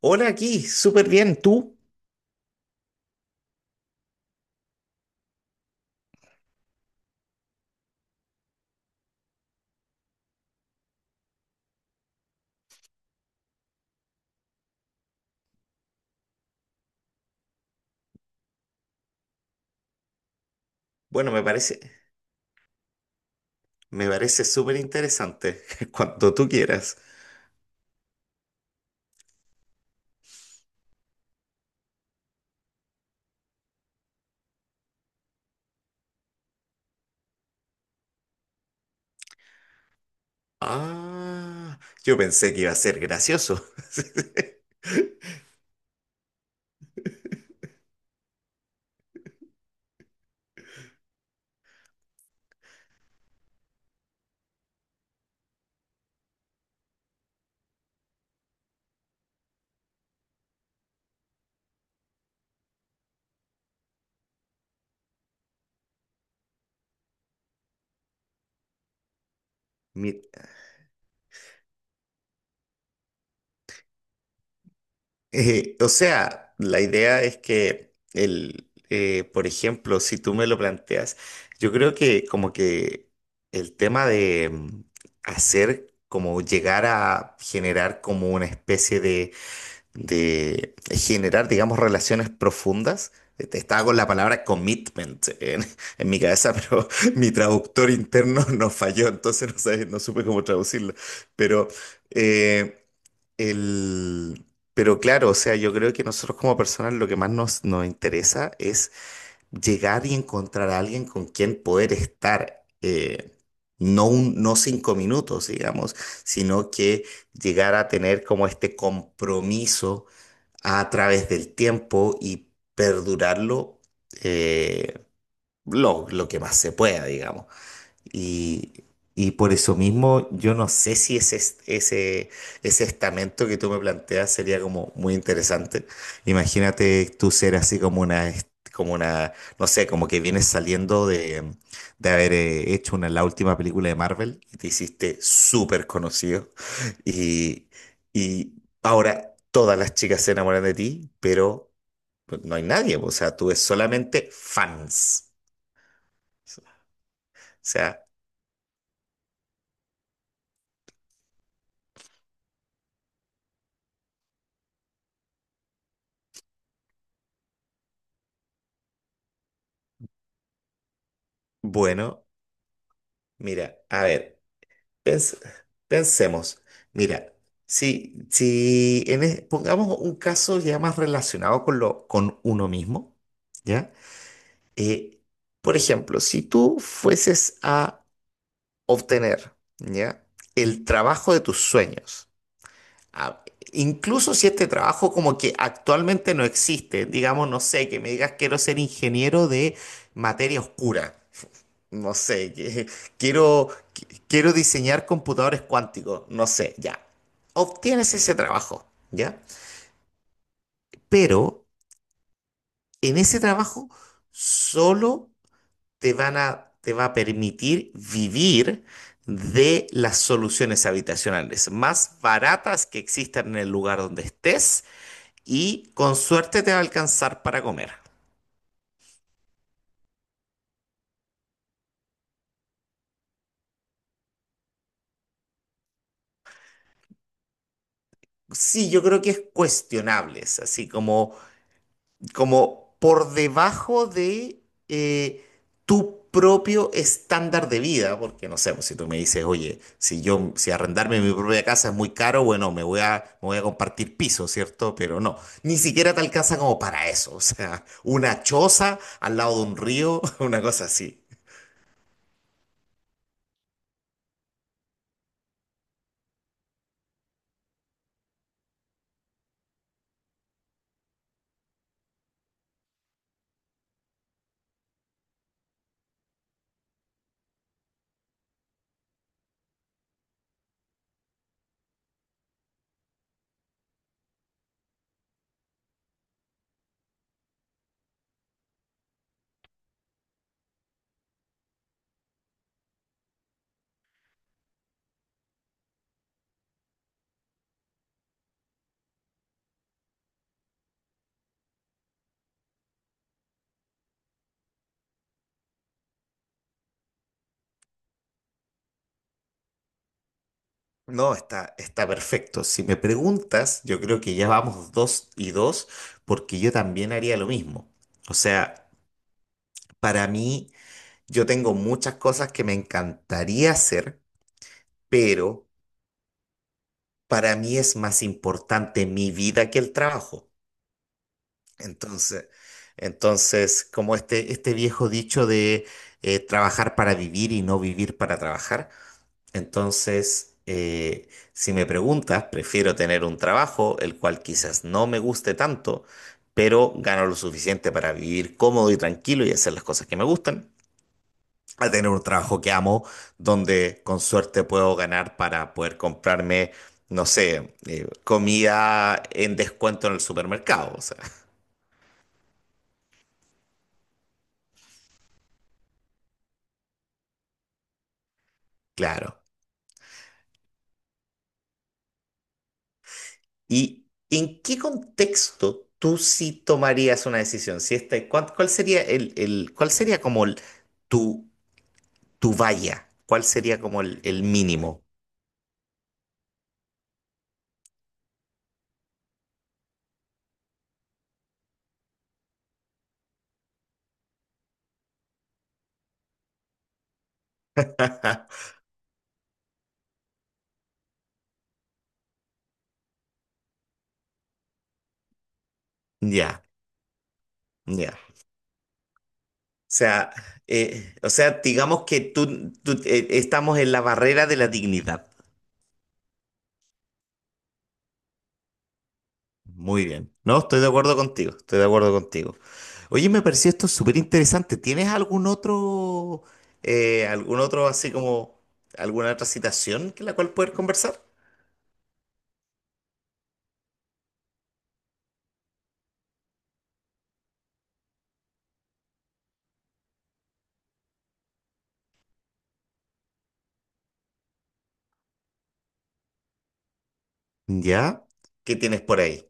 Hola aquí, súper bien. ¿Tú? Bueno, me parece súper interesante. Cuando tú quieras. Ah, yo pensé que iba a ser gracioso. Mi- o sea, la idea es que por ejemplo, si tú me lo planteas, yo creo que como que el tema de hacer como llegar a generar como una especie de generar, digamos, relaciones profundas. Estaba con la palabra commitment en mi cabeza, pero mi traductor interno nos falló, entonces no supe cómo traducirlo. Pero, eh, el, pero claro, o sea, yo creo que nosotros como personas lo que más nos interesa es llegar y encontrar a alguien con quien poder estar. No 5 minutos, digamos, sino que llegar a tener como este compromiso a través del tiempo y perdurarlo, eh, lo que más se pueda, digamos. Y, y por eso mismo, yo no sé si ese estamento que tú me planteas sería como muy interesante. Imagínate tú ser así como una, no sé, como que vienes saliendo de haber hecho la última película de Marvel y te hiciste súper conocido. Y, y ahora todas las chicas se enamoran de ti, pero no hay nadie. O sea, tú es solamente fans. O sea, bueno. Mira, a ver, pens- pensemos. Mira, si, si en e- pongamos un caso ya más relacionado con lo, con uno mismo, ¿ya? Eh, por ejemplo, si tú fueses a obtener, ¿ya? El trabajo de tus sueños. Ah, Incluso si este trabajo como que actualmente no existe, digamos, no sé, que me digas quiero ser ingeniero de materia oscura, no sé, quiero, quiero diseñar computadores cuánticos, no sé, ya. Obtienes ese trabajo, ¿ya? Pero en ese trabajo solo te va a permitir vivir de las soluciones habitacionales más baratas que existan en el lugar donde estés y con suerte te va a alcanzar para comer. Sí, yo creo que es cuestionable, es así como por debajo de, eh, tu propio estándar de vida, porque no sé, pues, si tú me dices, oye, si yo, si arrendarme mi propia casa es muy caro, bueno, me voy a compartir piso, ¿cierto? Pero no, ni siquiera te alcanza como para eso, o sea, una choza al lado de un río, una cosa así. No, está, está perfecto. Si me preguntas, yo creo que ya vamos dos y dos, porque yo también haría lo mismo. O sea, para mí, yo tengo muchas cosas que me encantaría hacer, pero para mí es más importante mi vida que el trabajo. Entonces, entonces, como este viejo dicho de, trabajar para vivir y no vivir para trabajar. Entonces, si me preguntas, prefiero tener un trabajo, el cual quizás no me guste tanto, pero gano lo suficiente para vivir cómodo y tranquilo y hacer las cosas que me gustan, a tener un trabajo que amo, donde con suerte puedo ganar para poder comprarme, no sé, comida en descuento en el supermercado. O sea, claro. ¿Y en qué contexto tú sí tomarías una decisión? Si esta, ¿cuál, cuál sería cuál sería como tu tu valla? ¿Cuál sería como el mínimo? Ya, ya. Sea, o sea, digamos que estamos en la barrera de la dignidad. Muy bien. No, estoy de acuerdo contigo, estoy de acuerdo contigo. Oye, me pareció esto súper interesante. ¿Tienes algún otro así como, alguna otra citación que la cual poder conversar? ¿Ya? ¿Qué tienes por ahí?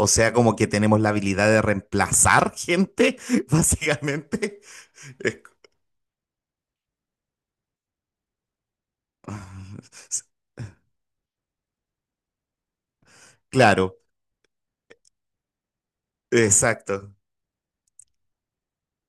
O sea, como que tenemos la habilidad de reemplazar gente, básicamente. Claro, exacto.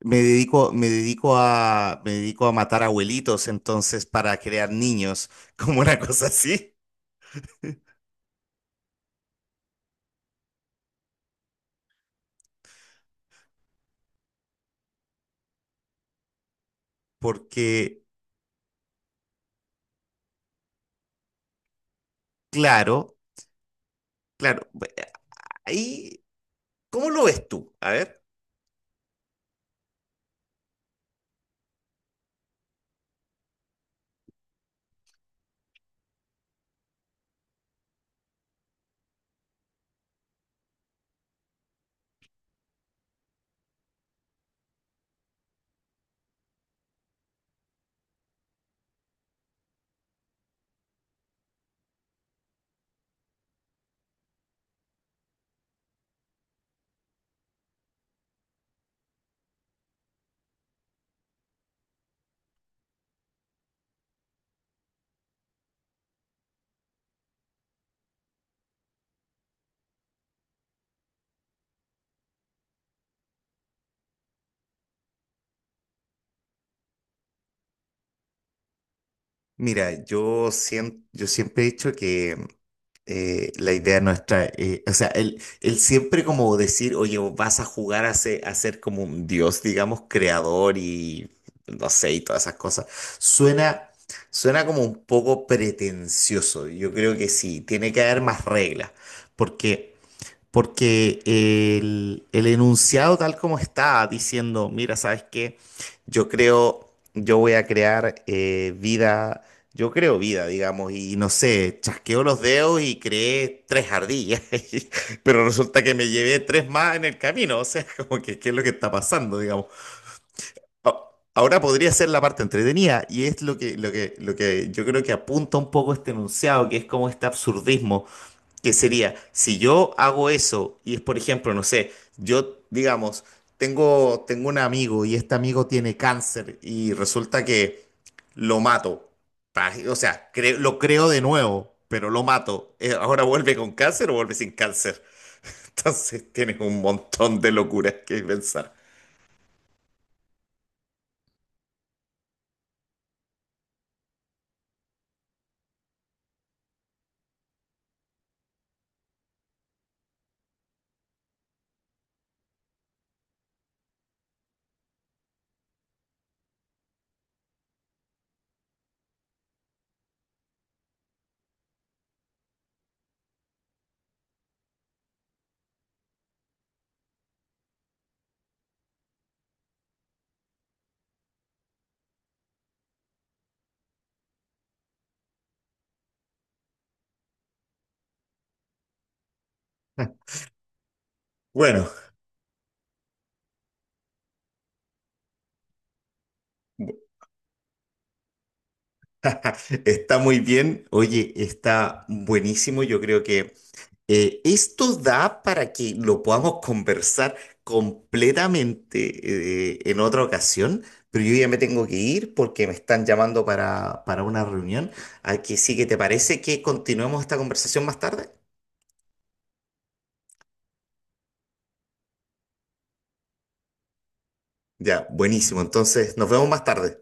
Me dedico a matar abuelitos, entonces, para crear niños, como una cosa así. Porque, claro, claro, ahí, ¿cómo lo ves tú? A ver, mira, yo siempre he dicho que, la idea nuestra, o sea, él siempre como decir, oye, vas a jugar a ser como un dios, digamos, creador y no sé, y todas esas cosas, suena, suena como un poco pretencioso. Yo creo que sí, tiene que haber más reglas, porque... Porque el enunciado tal como está diciendo, mira, ¿sabes qué? Yo creo, yo voy a crear vida, yo creo vida, digamos, y no sé, chasqueo los dedos y creé tres ardillas, pero resulta que me llevé tres más en el camino, o sea, como que, ¿qué es lo que está pasando, digamos? A- Ahora podría ser la parte entretenida y es lo que yo creo que apunta un poco este enunciado, que es como este absurdismo que sería, si yo hago eso y es, por ejemplo, no sé, yo, digamos, tengo un amigo y este amigo tiene cáncer y resulta que lo mato. O sea, lo creo de nuevo, pero lo mato. ¿Ahora vuelve con cáncer o vuelve sin cáncer? Entonces tienes un montón de locuras que pensar. Bueno, está muy bien. Oye, está buenísimo. Yo creo que esto da para que lo podamos conversar completamente, en otra ocasión, pero yo ya me tengo que ir porque me están llamando para una reunión. Aquí sí que te parece que continuemos esta conversación más tarde. Ya, buenísimo. Entonces, nos vemos más tarde.